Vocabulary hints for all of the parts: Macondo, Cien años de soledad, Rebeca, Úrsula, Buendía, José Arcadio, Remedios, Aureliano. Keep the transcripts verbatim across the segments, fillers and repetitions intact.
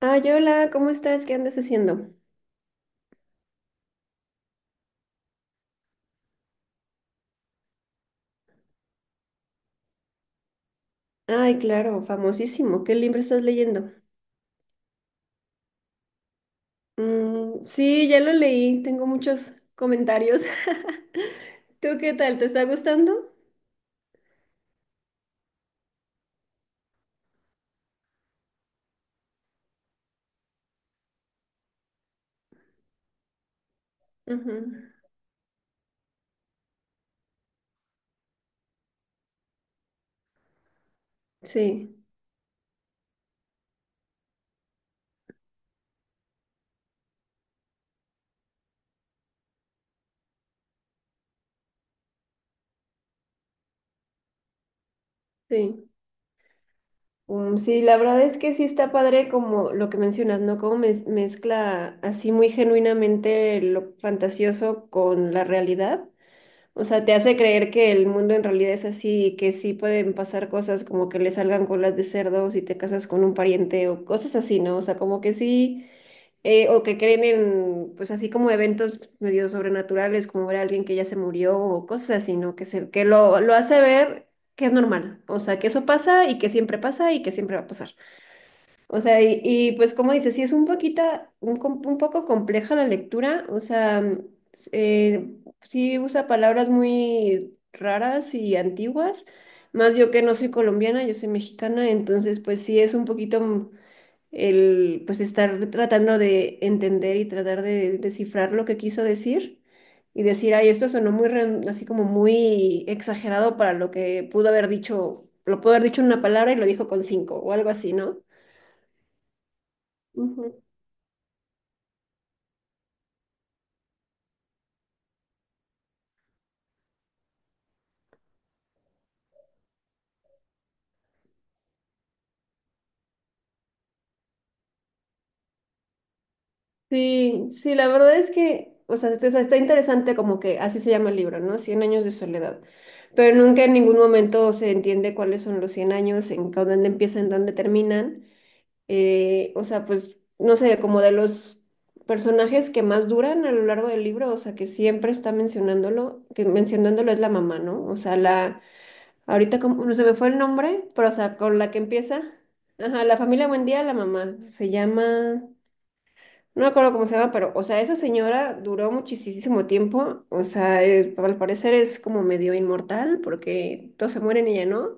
Ay, hola, ¿cómo estás? ¿Qué andas haciendo? Ay, claro, famosísimo. ¿Qué libro estás leyendo? Mm, sí, ya lo leí. Tengo muchos comentarios. ¿Tú qué tal? ¿Te está gustando? Ujú. Sí, sí. Mm, sí, la verdad es que sí está padre como lo que mencionas, ¿no? Como mez- mezcla así muy genuinamente lo fantasioso con la realidad. O sea, te hace creer que el mundo en realidad es así y que sí pueden pasar cosas como que le salgan colas de cerdo si te casas con un pariente o cosas así, ¿no? O sea, como que sí, eh, o que creen en, pues así como eventos medio sobrenaturales, como ver a alguien que ya se murió o cosas así, ¿no? Que se, que lo, lo hace ver que es normal, o sea, que eso pasa y que siempre pasa y que siempre va a pasar. O sea, y, y, pues como dices, sí es un poquito, un, com- un poco compleja la lectura, o sea, mm, s- eh, sí usa palabras muy raras y antiguas, más yo que no soy colombiana, yo soy mexicana, entonces pues sí es un poquito mm, el, pues estar tratando de entender y tratar de descifrar lo que quiso decir y decir, ay, esto sonó muy, ren- así como muy exagerado para lo que pudo haber dicho, lo pudo haber dicho en una palabra y lo dijo con cinco o algo así, ¿no? Sí, sí, la verdad es que, o sea, está, está interesante como que así se llama el libro, ¿no? Cien años de soledad. Pero nunca en ningún momento se entiende cuáles son los cien años, en ca- dónde empiezan, dónde terminan. Eh, o sea, pues, no sé, como de los personajes que más duran a lo largo del libro, o sea, que siempre está mencionándolo, que mencionándolo es la mamá, ¿no? O sea, la, ahorita como, no se me fue el nombre, pero o sea, con la que empieza, ajá, la familia Buendía, la mamá, se llama... No me acuerdo cómo se llama, pero, o sea, esa señora duró muchísimo tiempo. O sea, es- al parecer es como medio inmortal porque todos se mueren y ella no.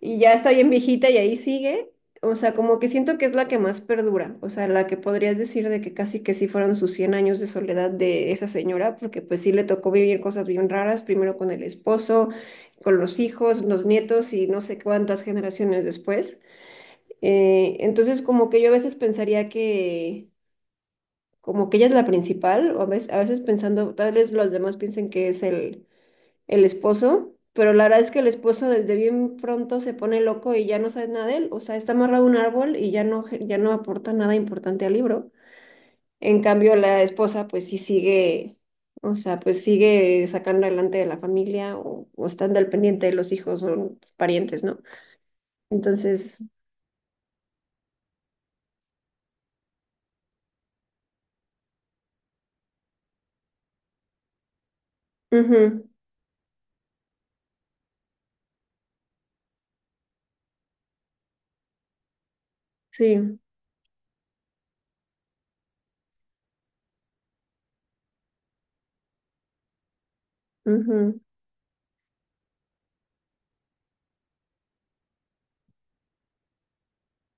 Y ya está bien viejita y ahí sigue. O sea, como que siento que es la que más perdura. O sea, la que podrías decir de que casi que sí fueron sus cien años de soledad de esa señora, porque pues sí le tocó vivir cosas bien raras, primero con el esposo, con los hijos, los nietos y no sé cuántas generaciones después. Eh, entonces, como que yo a veces pensaría que como que ella es la principal, o a veces, a veces pensando, tal vez los demás piensen que es el, el esposo, pero la verdad es que el esposo desde bien pronto se pone loco y ya no sabes nada de él, o sea, está amarrado a un árbol y ya no, ya no aporta nada importante al libro. En cambio, la esposa pues sí sigue, o sea, pues sigue sacando adelante de la familia o, o estando al pendiente de los hijos o parientes, ¿no? Entonces, ujú, sí, ujú,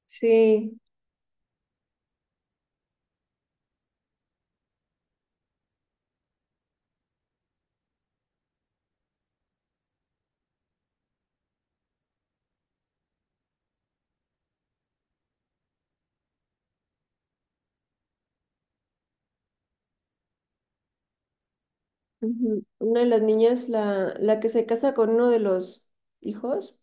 sí. Ujú. Una de las niñas, la, la que se casa con uno de los hijos.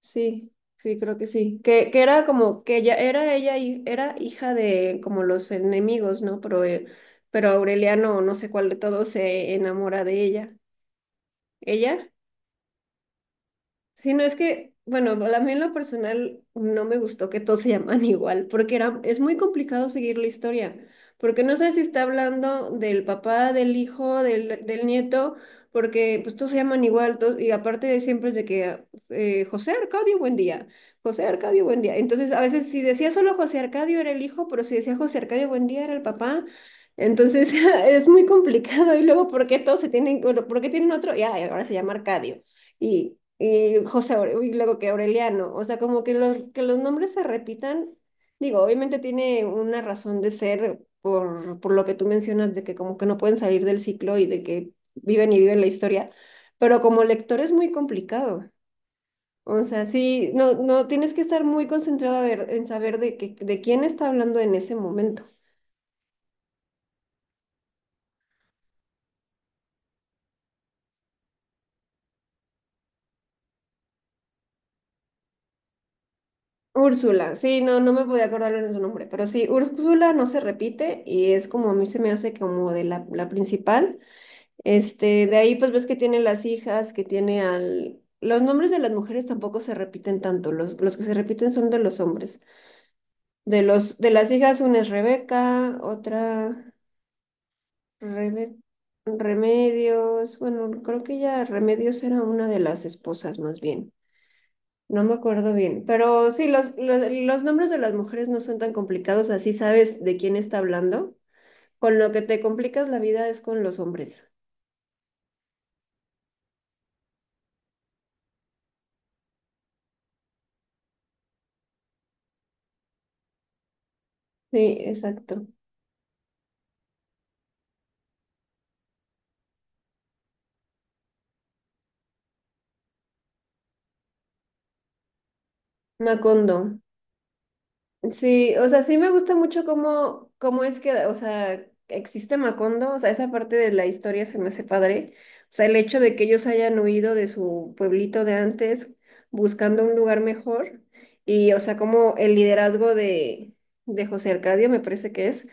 Sí, sí, creo que sí. Que, que era como que ella era ella hi- era hija de como los enemigos, ¿no? Pero, eh, pero Aureliano, no sé cuál de todos, se enamora de ella. ¿Ella? Sí, no es que, bueno, a mí en lo personal no me gustó que todos se llaman igual, porque era, es muy complicado seguir la historia, porque no sé si está hablando del papá, del hijo, del, del nieto, porque pues todos se llaman igual, todos- y aparte de siempre es de que eh, José Arcadio, buen día, José Arcadio, buen día. Entonces, a veces si decía solo José Arcadio era el hijo, pero si decía José Arcadio, buen día era el papá. Entonces, es muy complicado, y luego, ¿por qué todos se tienen, bueno, por qué tienen otro? Ya, ahora se llama Arcadio y, y José Aure- y luego que Aureliano, o sea, como que los, que los nombres se repitan, digo, obviamente tiene una razón de ser por, por lo que tú mencionas, de que como que no pueden salir del ciclo y de que viven y viven la historia, pero como lector es muy complicado. O sea, sí, no, no, tienes que estar muy concentrado a ver, en saber de, que, de quién está hablando en ese momento. Úrsula, sí, no, no me podía acordar de su nombre, pero sí, Úrsula no se repite y es como a mí se me hace como de la, la principal. Este, de ahí pues ves que tiene las hijas, que tiene al... Los nombres de las mujeres tampoco se repiten tanto, los, los que se repiten son de los hombres. De los, de las hijas una es Rebeca, otra Rebe- Remedios, bueno, creo que ya Remedios era una de las esposas más bien. No me acuerdo bien, pero sí, los, los, los nombres de las mujeres no son tan complicados, así sabes de quién está hablando. Con lo que te complicas la vida es con los hombres. Sí, exacto. Macondo. Sí, o sea, sí me gusta mucho cómo, cómo es que, o sea, existe Macondo, o sea, esa parte de la historia se me hace padre. O sea, el hecho de que ellos hayan huido de su pueblito de antes buscando un lugar mejor y, o sea, como el liderazgo de, de José Arcadio me parece que es,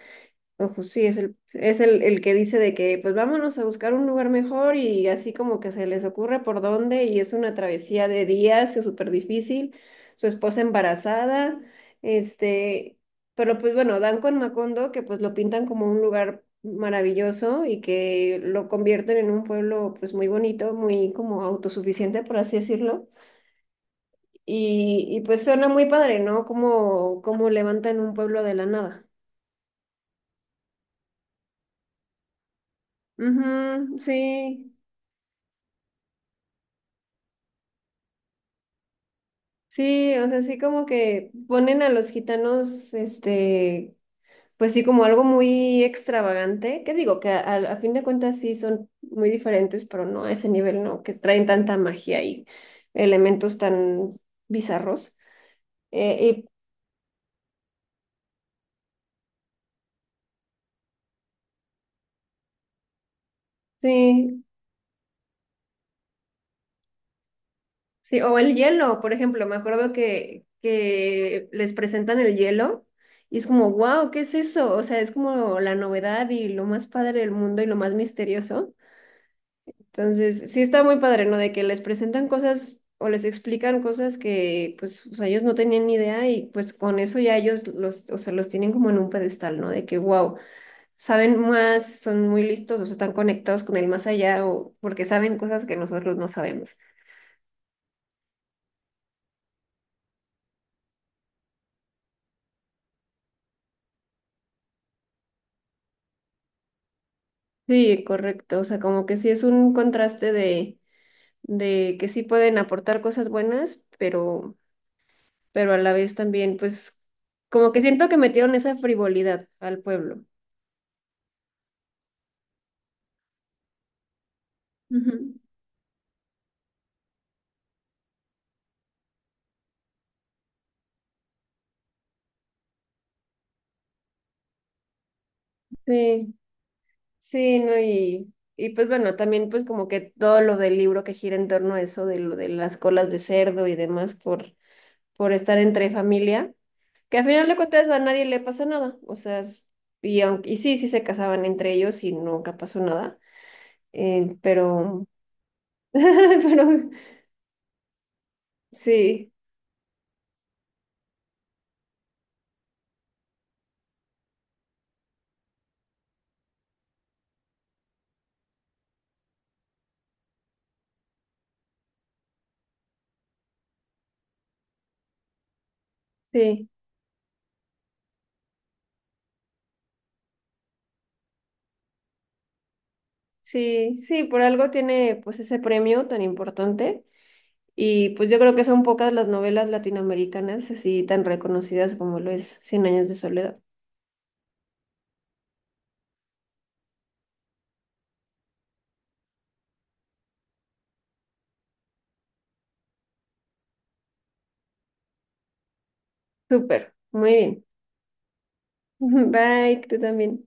Ojo, sí, es el, es el, el que dice de que pues vámonos a buscar un lugar mejor y así como que se les ocurre por dónde y es una travesía de días, es súper difícil, su esposa embarazada, este, pero pues bueno, dan con Macondo que pues lo pintan como un lugar maravilloso y que lo convierten en un pueblo pues muy bonito, muy como autosuficiente, por así decirlo, y, y pues suena muy padre, ¿no? Como, como levantan un pueblo de la nada. Ujú, sí. Sí, o sea, sí como que ponen a los gitanos, este, pues sí, como algo muy extravagante. ¿Qué digo? Que a, a- a fin de cuentas sí son muy diferentes, pero no a ese nivel, ¿no? Que traen tanta magia y elementos tan bizarros. Eh, y sí, sí, o el hielo, por ejemplo, me acuerdo que, que les presentan el hielo y es como, wow, ¿qué es eso? O sea, es como la novedad y lo más padre del mundo y lo más misterioso. Entonces, sí está muy padre, ¿no? De que les presentan cosas o les explican cosas que, pues, o sea, ellos no tenían ni idea y pues con eso ya ellos los, o sea, los tienen como en un pedestal, ¿no? De que, wow, saben más, son muy listos, o sea, están conectados con el más allá o porque saben cosas que nosotros no sabemos. Sí, correcto, o sea, como que sí es un contraste de, de que sí pueden aportar cosas buenas, pero, pero a la vez también, pues, como que siento que metieron esa frivolidad al pueblo. Ujú. Sí. Sí, no, y, y pues bueno, también pues como que todo lo del libro que gira en torno a eso, de lo de las colas de cerdo y demás por, por estar entre familia, que al final de cuentas a nadie le pasa nada, o sea, es- y, aunque, y sí, sí se casaban entre ellos y nunca pasó nada, eh, pero, pero sí, sí, sí, sí, por algo tiene pues ese premio tan importante. Y pues yo creo que son pocas las novelas latinoamericanas así tan reconocidas como lo es Cien años de soledad. Súper, muy bien. Bye, tú también.